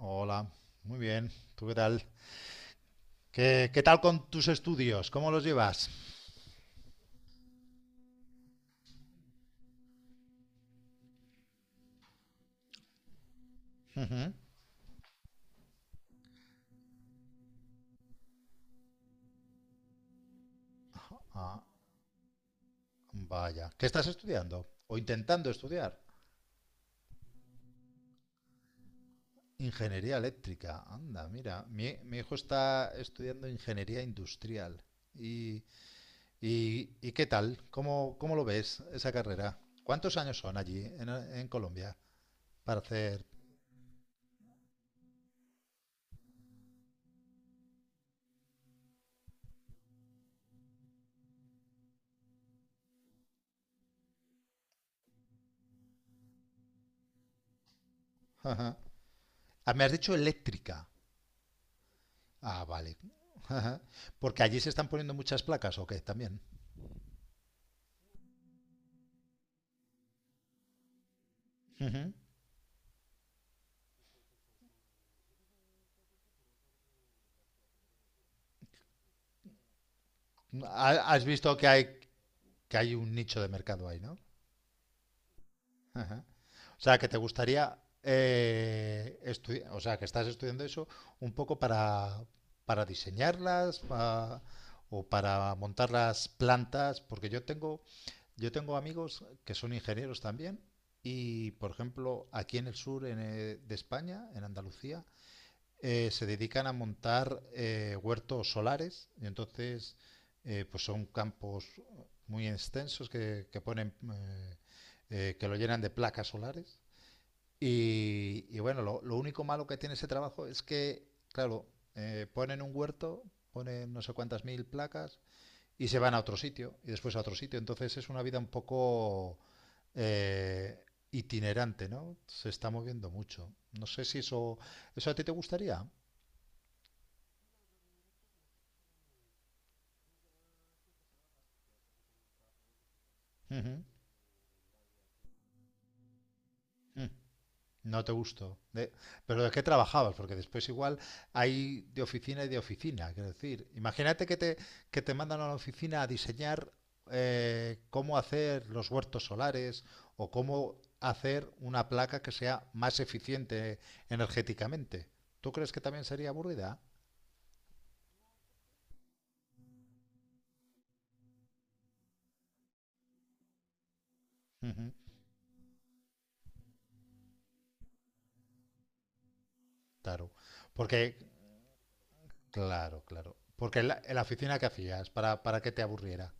Hola, muy bien. ¿Tú qué tal? ¿Qué tal con tus estudios? ¿Cómo los llevas? Ujú. Ah, vaya. ¿Qué estás estudiando? ¿O intentando estudiar? Ingeniería eléctrica. Anda, mira. Mi hijo está estudiando ingeniería industrial. ¿Y, y qué tal? ¿Cómo lo ves esa carrera? ¿Cuántos años son allí en Colombia para hacer... Ajá. Ah, me has dicho eléctrica. Ah, vale. Ajá. Porque allí se están poniendo muchas placas, ¿o qué? También. Ujú. Has visto que hay un nicho de mercado ahí, ¿no? Ajá. O sea, que te gustaría, o sea, que estás estudiando eso un poco para o para montar las plantas, porque yo tengo amigos que son ingenieros también y, por ejemplo, aquí en el sur, de España, en Andalucía, se dedican a montar, huertos solares y entonces, pues son campos muy extensos que ponen, que lo llenan de placas solares y bueno, lo único malo que tiene ese trabajo es que, claro, ponen un huerto, ponen no sé cuántas mil placas y se van a otro sitio y después a otro sitio. Entonces es una vida un poco, eh, itinerante, no, se está moviendo mucho. No sé si eso, eso a ti te gustaría. Ujú, mm. No te gustó. Pero ¿de qué trabajabas? Porque después, igual, hay de oficina y de oficina. Quiero decir, imagínate que te mandan a la oficina a diseñar, cómo hacer los huertos solares o cómo hacer una placa que sea más eficiente energéticamente. ¿Tú crees que también sería aburrida? Ujú, Claro. Porque, claro, claro. Porque en la oficina que hacías, para que te aburriera.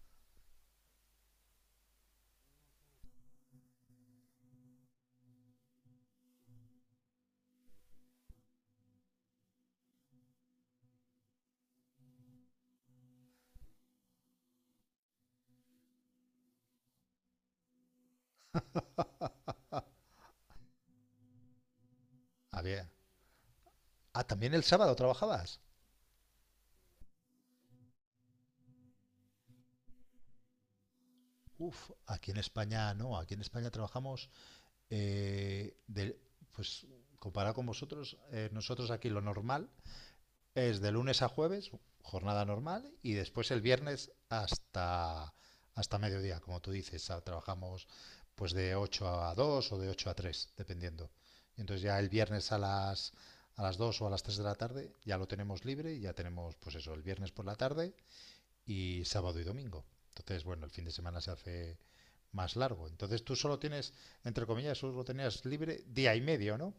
Había. Ah, también el sábado trabajabas. Uf, aquí en España no, aquí en España trabajamos, eh, de, pues, comparado con vosotros, nosotros aquí lo normal es de lunes a jueves, jornada normal, y después el viernes hasta mediodía, como tú dices. Ah, trabajamos pues de 8 a 2 o de 8 a tres, dependiendo. Y entonces ya el viernes a las dos o a las tres de la tarde ya lo tenemos libre, y ya tenemos pues eso, el viernes por la tarde y sábado y domingo. Entonces, bueno, el fin de semana se hace más largo. Entonces tú solo tienes, entre comillas, solo tenías libre día y medio, ¿no?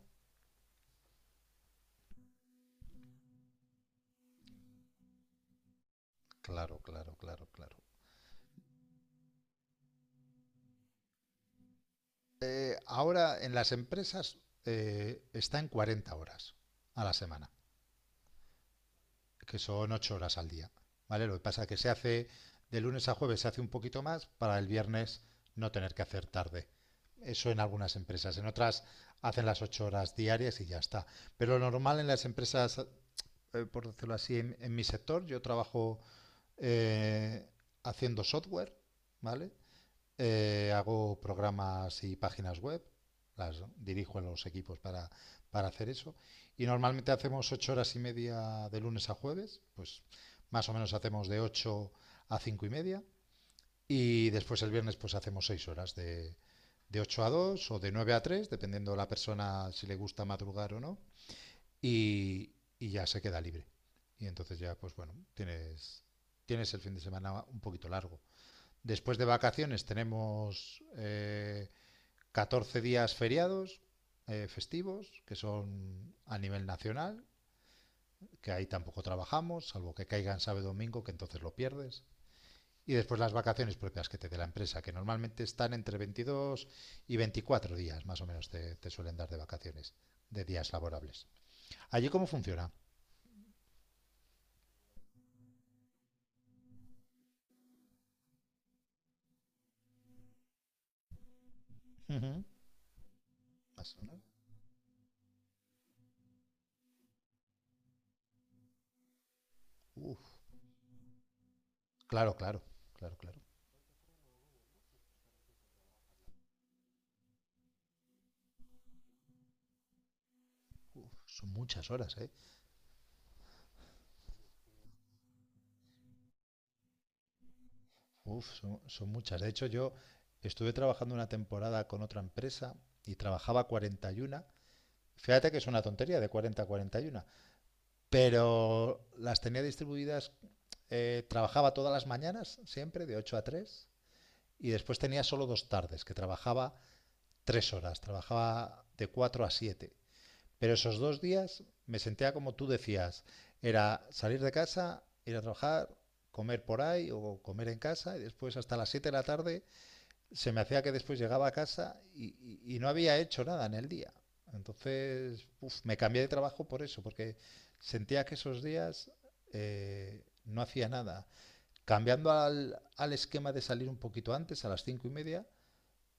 Claro, claro, claro, claro. Ahora en las empresas, está en 40 horas a la semana, que son 8 horas al día, ¿vale? Lo que pasa es que se hace de lunes a jueves, se hace un poquito más para el viernes no tener que hacer tarde. Eso en algunas empresas; en otras hacen las 8 horas diarias y ya está. Pero lo normal en las empresas, por decirlo así, en mi sector, yo trabajo, eh, haciendo software, ¿vale? Hago programas y páginas web, las dirijo a los equipos para hacer eso. Y normalmente hacemos 8 horas y media de lunes a jueves, pues más o menos hacemos de 8 a cinco y media. Y después el viernes pues hacemos 6 horas, de 8 a 2 o de 9 a 3, dependiendo de la persona si le gusta madrugar o no, y, y ya se queda libre. Y entonces ya, pues bueno, tienes, tienes el fin de semana un poquito largo. Después de vacaciones tenemos, 14 días feriados, festivos, que son a nivel nacional, que ahí tampoco trabajamos, salvo que caigan sábado y domingo, que entonces lo pierdes. Y después las vacaciones propias que te dé la empresa, que normalmente están entre 22 y 24 días, más o menos, te suelen dar de vacaciones, de días laborables. ¿Allí cómo funciona? Ujú. Uf, claro, claro, claro, claro. Son muchas horas, ¿eh? Uf, son muchas. De hecho, yo estuve trabajando una temporada con otra empresa y trabajaba 41. Fíjate que es una tontería, de 40 a 41, pero las tenía distribuidas. Trabajaba todas las mañanas, siempre, de 8 a tres, y después tenía solo dos tardes, que trabajaba tres horas, trabajaba de 4 a 7. Pero esos dos días me sentía como tú decías, era salir de casa, ir a trabajar, comer por ahí o comer en casa, y después hasta las 7 de la tarde se me hacía que después llegaba a casa y no había hecho nada en el día. Entonces, uf, me cambié de trabajo por eso, porque sentía que esos días, no hacía nada. Cambiando al, al esquema de salir un poquito antes, a las cinco y media,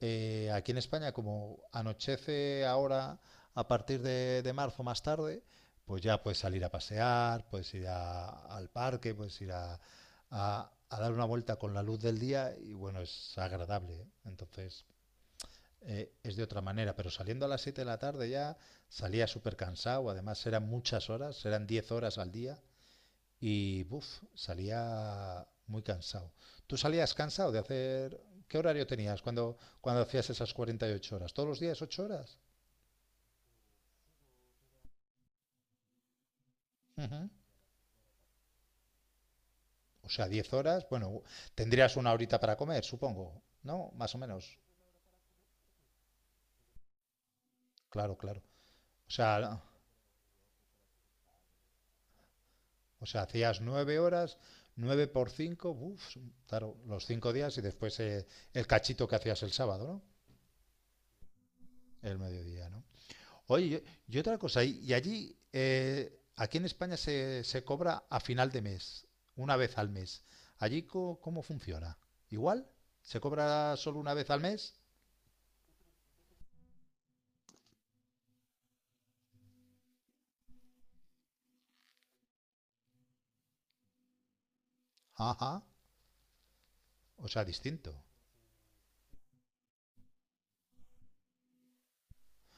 aquí en España, como anochece ahora a partir de marzo más tarde, pues ya puedes salir a pasear, puedes ir al parque, puedes ir a dar una vuelta con la luz del día, y bueno, es agradable, ¿eh? Entonces, es de otra manera, pero saliendo a las 7 de la tarde ya salía súper cansado. Además, eran muchas horas, eran 10 horas al día, y buf, salía muy cansado. ¿Tú salías cansado de hacer... ¿Qué horario tenías cuando hacías esas 48 horas? ¿Todos los días 8 horas? Ujú. O sea, 10 horas. Bueno, tendrías una horita para comer, supongo, ¿no? Más o menos. Claro, claro. O sea, o sea, hacías 9 horas, 9 por cinco, buf, claro, los 5 días, y después, el cachito que hacías el sábado, ¿no? El mediodía, ¿no? Oye, y otra cosa, y allí, aquí en España se cobra a final de mes, una vez al mes. ¿Allí cómo funciona? ¿Igual? ¿Se cobra solo una vez al mes? Ajá, o sea, distinto.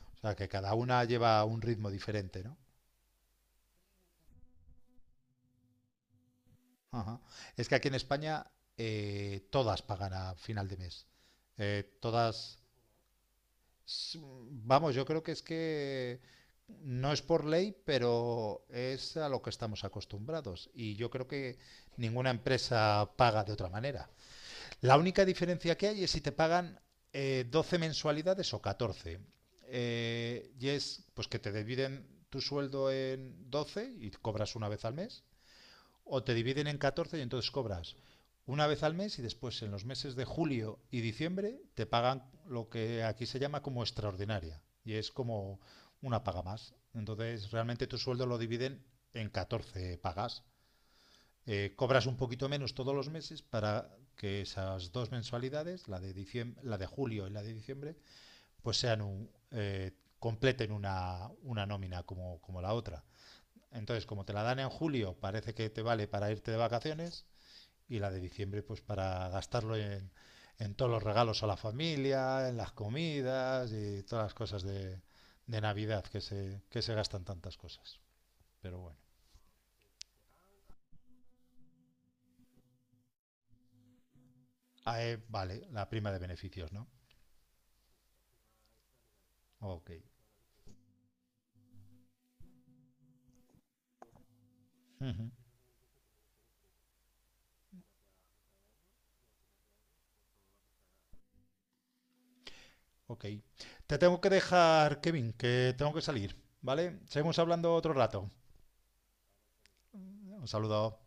O sea, que cada una lleva un ritmo diferente, ¿no? Ajá. Es que aquí en España, todas pagan a final de mes. Eh, todas Vamos, yo creo que es que no es por ley, pero es a lo que estamos acostumbrados. Y yo creo que ninguna empresa paga de otra manera. La única diferencia que hay es si te pagan, 12 mensualidades o 14. Y es, pues, que te dividen tu sueldo en 12 y cobras una vez al mes, o te dividen en 14 y entonces cobras una vez al mes y después en los meses de julio y diciembre te pagan lo que aquí se llama como extraordinaria, y es como una paga más. Entonces realmente tu sueldo lo dividen en 14 pagas. Cobras un poquito menos todos los meses para que esas dos mensualidades, diciembre, la de julio y la de diciembre, pues sean un, completen una nómina como, como la otra. Entonces, como te la dan en julio, parece que te vale para irte de vacaciones, y la de diciembre pues para gastarlo en todos los regalos a la familia, en las comidas y todas las cosas de Navidad, que se gastan tantas cosas. Pero bueno. Ah, vale, la prima de beneficios, ¿no? Ok. Uh -huh. Ok. Te tengo que dejar, Kevin, que tengo que salir, ¿vale? Seguimos hablando otro rato. Un saludo.